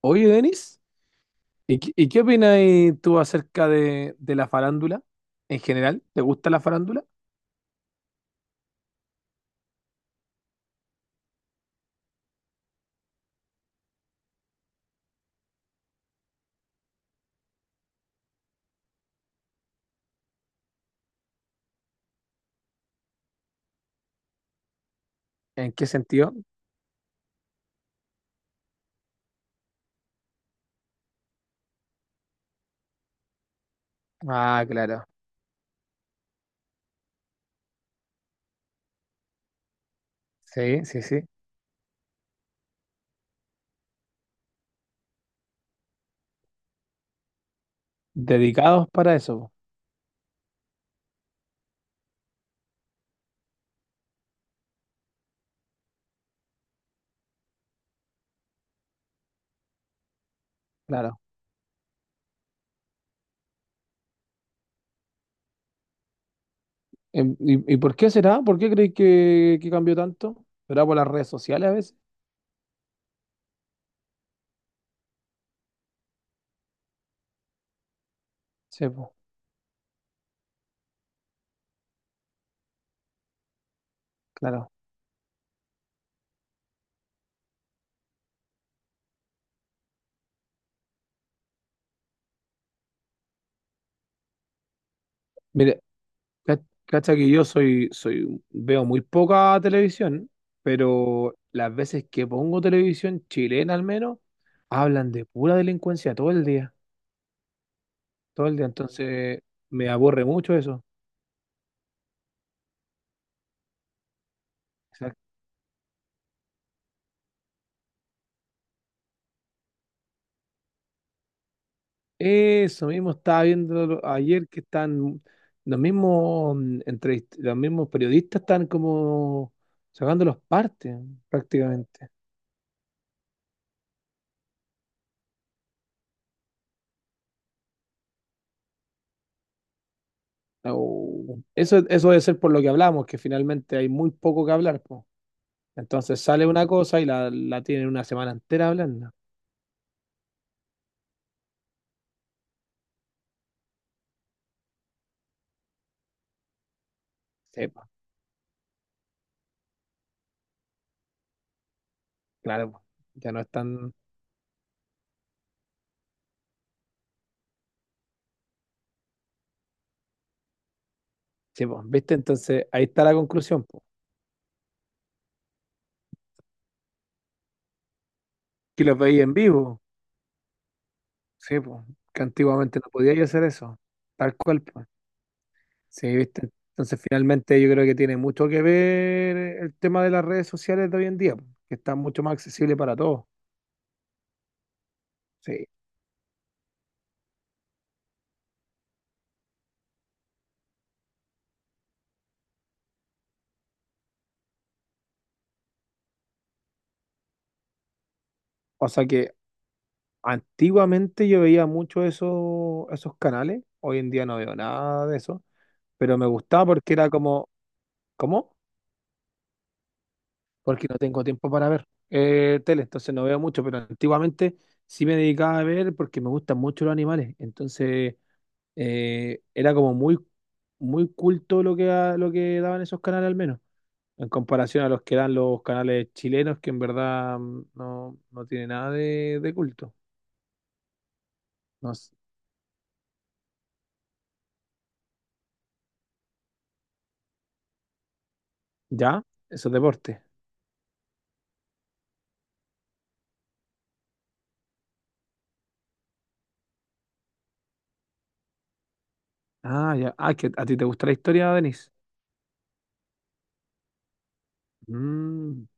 Oye, Denis, ¿y, qué opinas tú acerca de la farándula en general? ¿Te gusta la farándula? ¿En qué sentido? Ah, claro. Sí, sí, sí. Dedicados para eso, po. Claro. Y por qué será? ¿Por qué crees que cambió tanto? ¿Será por las redes sociales a veces? Sí, po, claro. Mire, ca- cacha que yo veo muy poca televisión, pero las veces que pongo televisión chilena al menos, hablan de pura delincuencia todo el día. Todo el día, entonces me aburre mucho eso. Exacto. Eso mismo estaba viendo ayer que están los mismos los mismos periodistas están como sacando los partes prácticamente. Au. Eso debe ser por lo que hablamos, que finalmente hay muy poco que hablar, po. Entonces sale una cosa y la tienen una semana entera hablando. Sí, po, claro, po. Ya no están. Sí, po, ¿viste? Entonces ahí está la conclusión, po. Que los veía en vivo. Sí, pues, que antiguamente no podía yo hacer eso, tal cual, pues. Sí, ¿viste? Entonces, finalmente yo creo que tiene mucho que ver el tema de las redes sociales de hoy en día, pues, que están mucho más accesibles para todos. Sí. O sea que antiguamente yo veía mucho eso, esos canales, hoy en día no veo nada de eso, pero me gustaba porque era como, ¿cómo? Porque no tengo tiempo para ver tele, entonces no veo mucho, pero antiguamente sí me dedicaba a ver porque me gustan mucho los animales, entonces era como muy, muy culto lo que, lo que daban esos canales al menos, en comparación a los que dan los canales chilenos, que en verdad no, no tiene nada de, de culto. No s- ¿ya? Eso es deporte. Ah, ya. Ah, que a ti te gusta la historia, Denis. Mm.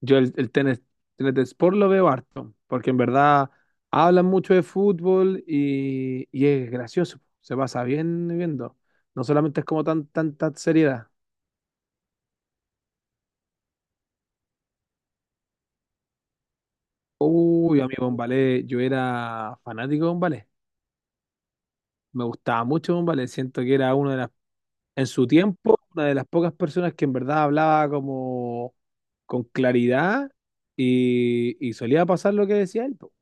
Yo el tenis, tenis de sport lo veo harto, porque en verdad hablan mucho de fútbol y es gracioso, se pasa bien viendo. No solamente es como tan, tanta seriedad. Uy, amigo Bombalé, yo era fanático de Bombalé. Me gustaba mucho Bombalé. Siento que era una de las, en su tiempo, una de las pocas personas que en verdad hablaba como con claridad y solía pasar lo que decía él. Po.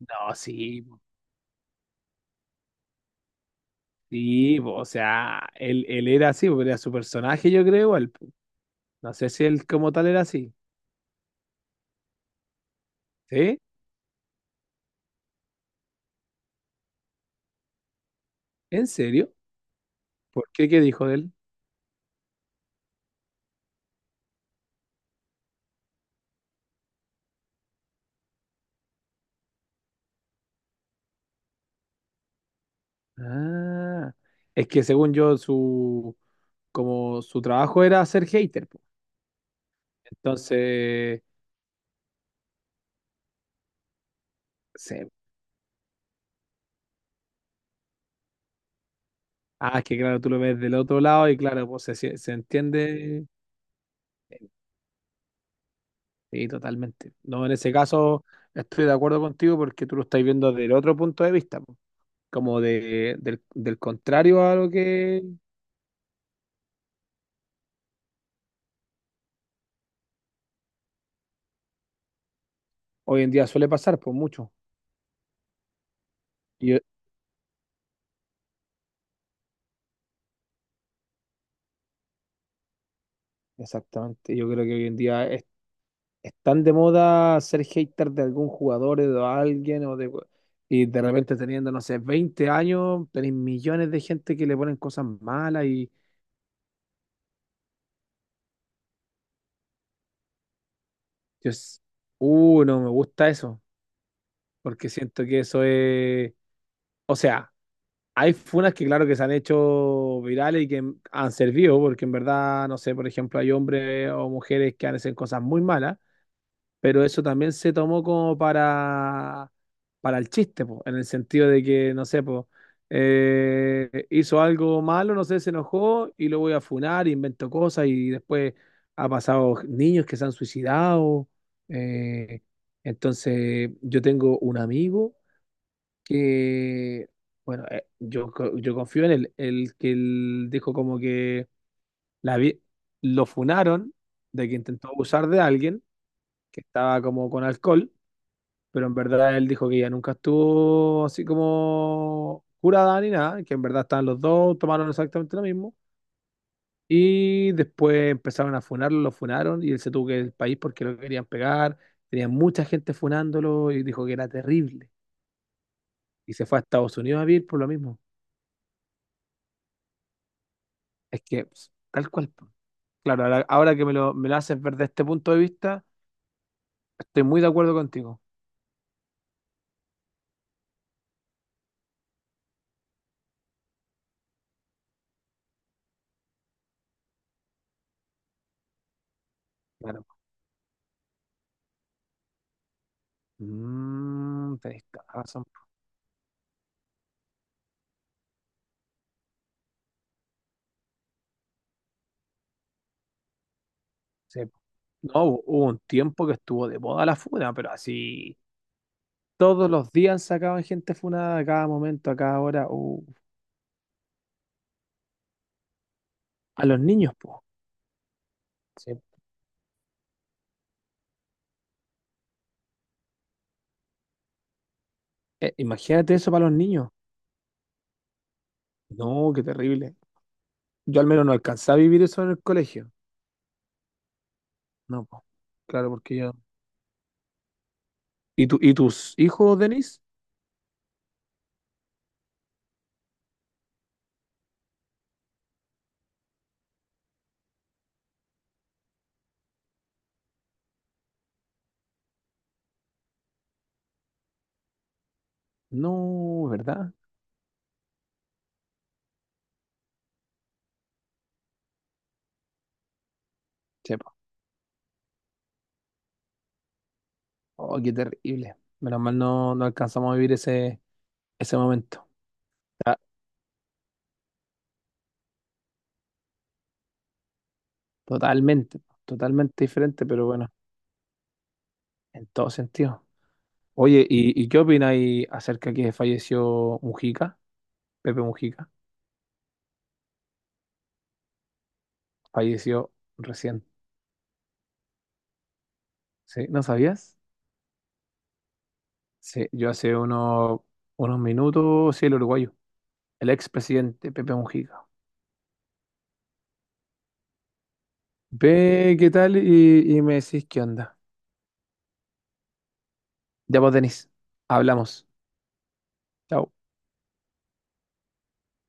No, sí, po, o sea, él era así, po, era su personaje, yo creo, él. Po. No sé si él como tal era así. ¿Sí? ¿En serio? ¿Por qué? ¿Qué dijo de él? Ah, es que según yo, su, como su trabajo era ser hater. Po. Entonces, se- ah, es que claro, tú lo ves del otro lado y claro, pues se entiende. Sí, totalmente. No, en ese caso estoy de acuerdo contigo porque tú lo estás viendo desde el otro punto de vista, po. Como de, del contrario a lo que hoy en día suele pasar, pues mucho. Y yo- exactamente, yo creo que hoy en día es tan de moda ser hater de algún jugador o de alguien o de, y de repente teniendo, no sé, 20 años, tenés millones de gente que le ponen cosas malas. Yo, s- no me gusta eso, porque siento que eso es, o sea, hay funas que claro que se han hecho virales y que han servido, porque en verdad, no sé, por ejemplo, hay hombres o mujeres que hacen cosas muy malas, pero eso también se tomó como para el chiste, po, en el sentido de que, no sé, po, hizo algo malo, no sé, se enojó y lo voy a funar, inventó cosas y después ha pasado niños que se han suicidado. eh, entonces, yo tengo un amigo que, bueno, yo confío en él, el que él dijo como que la vi- lo funaron de que intentó abusar de alguien que estaba como con alcohol, pero en verdad él dijo que ella nunca estuvo así como jurada ni nada, que en verdad estaban los dos, tomaron exactamente lo mismo. Y después empezaron a funarlo, lo funaron y él se tuvo que ir del país porque lo querían pegar. Tenía mucha gente funándolo y dijo que era terrible. Y se fue a Estados Unidos a vivir por lo mismo. Es que, pues, tal cual. Po. Claro, ahora, ahora que me me lo haces ver desde este punto de vista, estoy muy de acuerdo contigo. Claro. Mm, tenés toda la razón. Sí. No, hubo un tiempo que estuvo de moda la funa, pero así todos los días sacaban gente funada a cada momento, a cada hora. A los niños, po. Sí. Imagínate eso para los niños. No, qué terrible. Yo al menos no alcancé a vivir eso en el colegio. No, po. Claro, porque yo. ¿Y y tus hijos, Denis? No, ¿verdad? Sí, po. Oh, qué terrible. Menos mal no, no alcanzamos a vivir ese, ese momento. Ah, totalmente, totalmente diferente, pero bueno, en todo sentido. Oye, y qué opináis acerca que falleció Mujica? Pepe Mujica. Falleció recién. ¿Sí? ¿No sabías? Sí, yo hace unos, unos minutos, sí, el uruguayo, el expresidente Pepe Mujica. Ve qué tal y me decís qué onda. Ya vos, Denis, hablamos. Chao.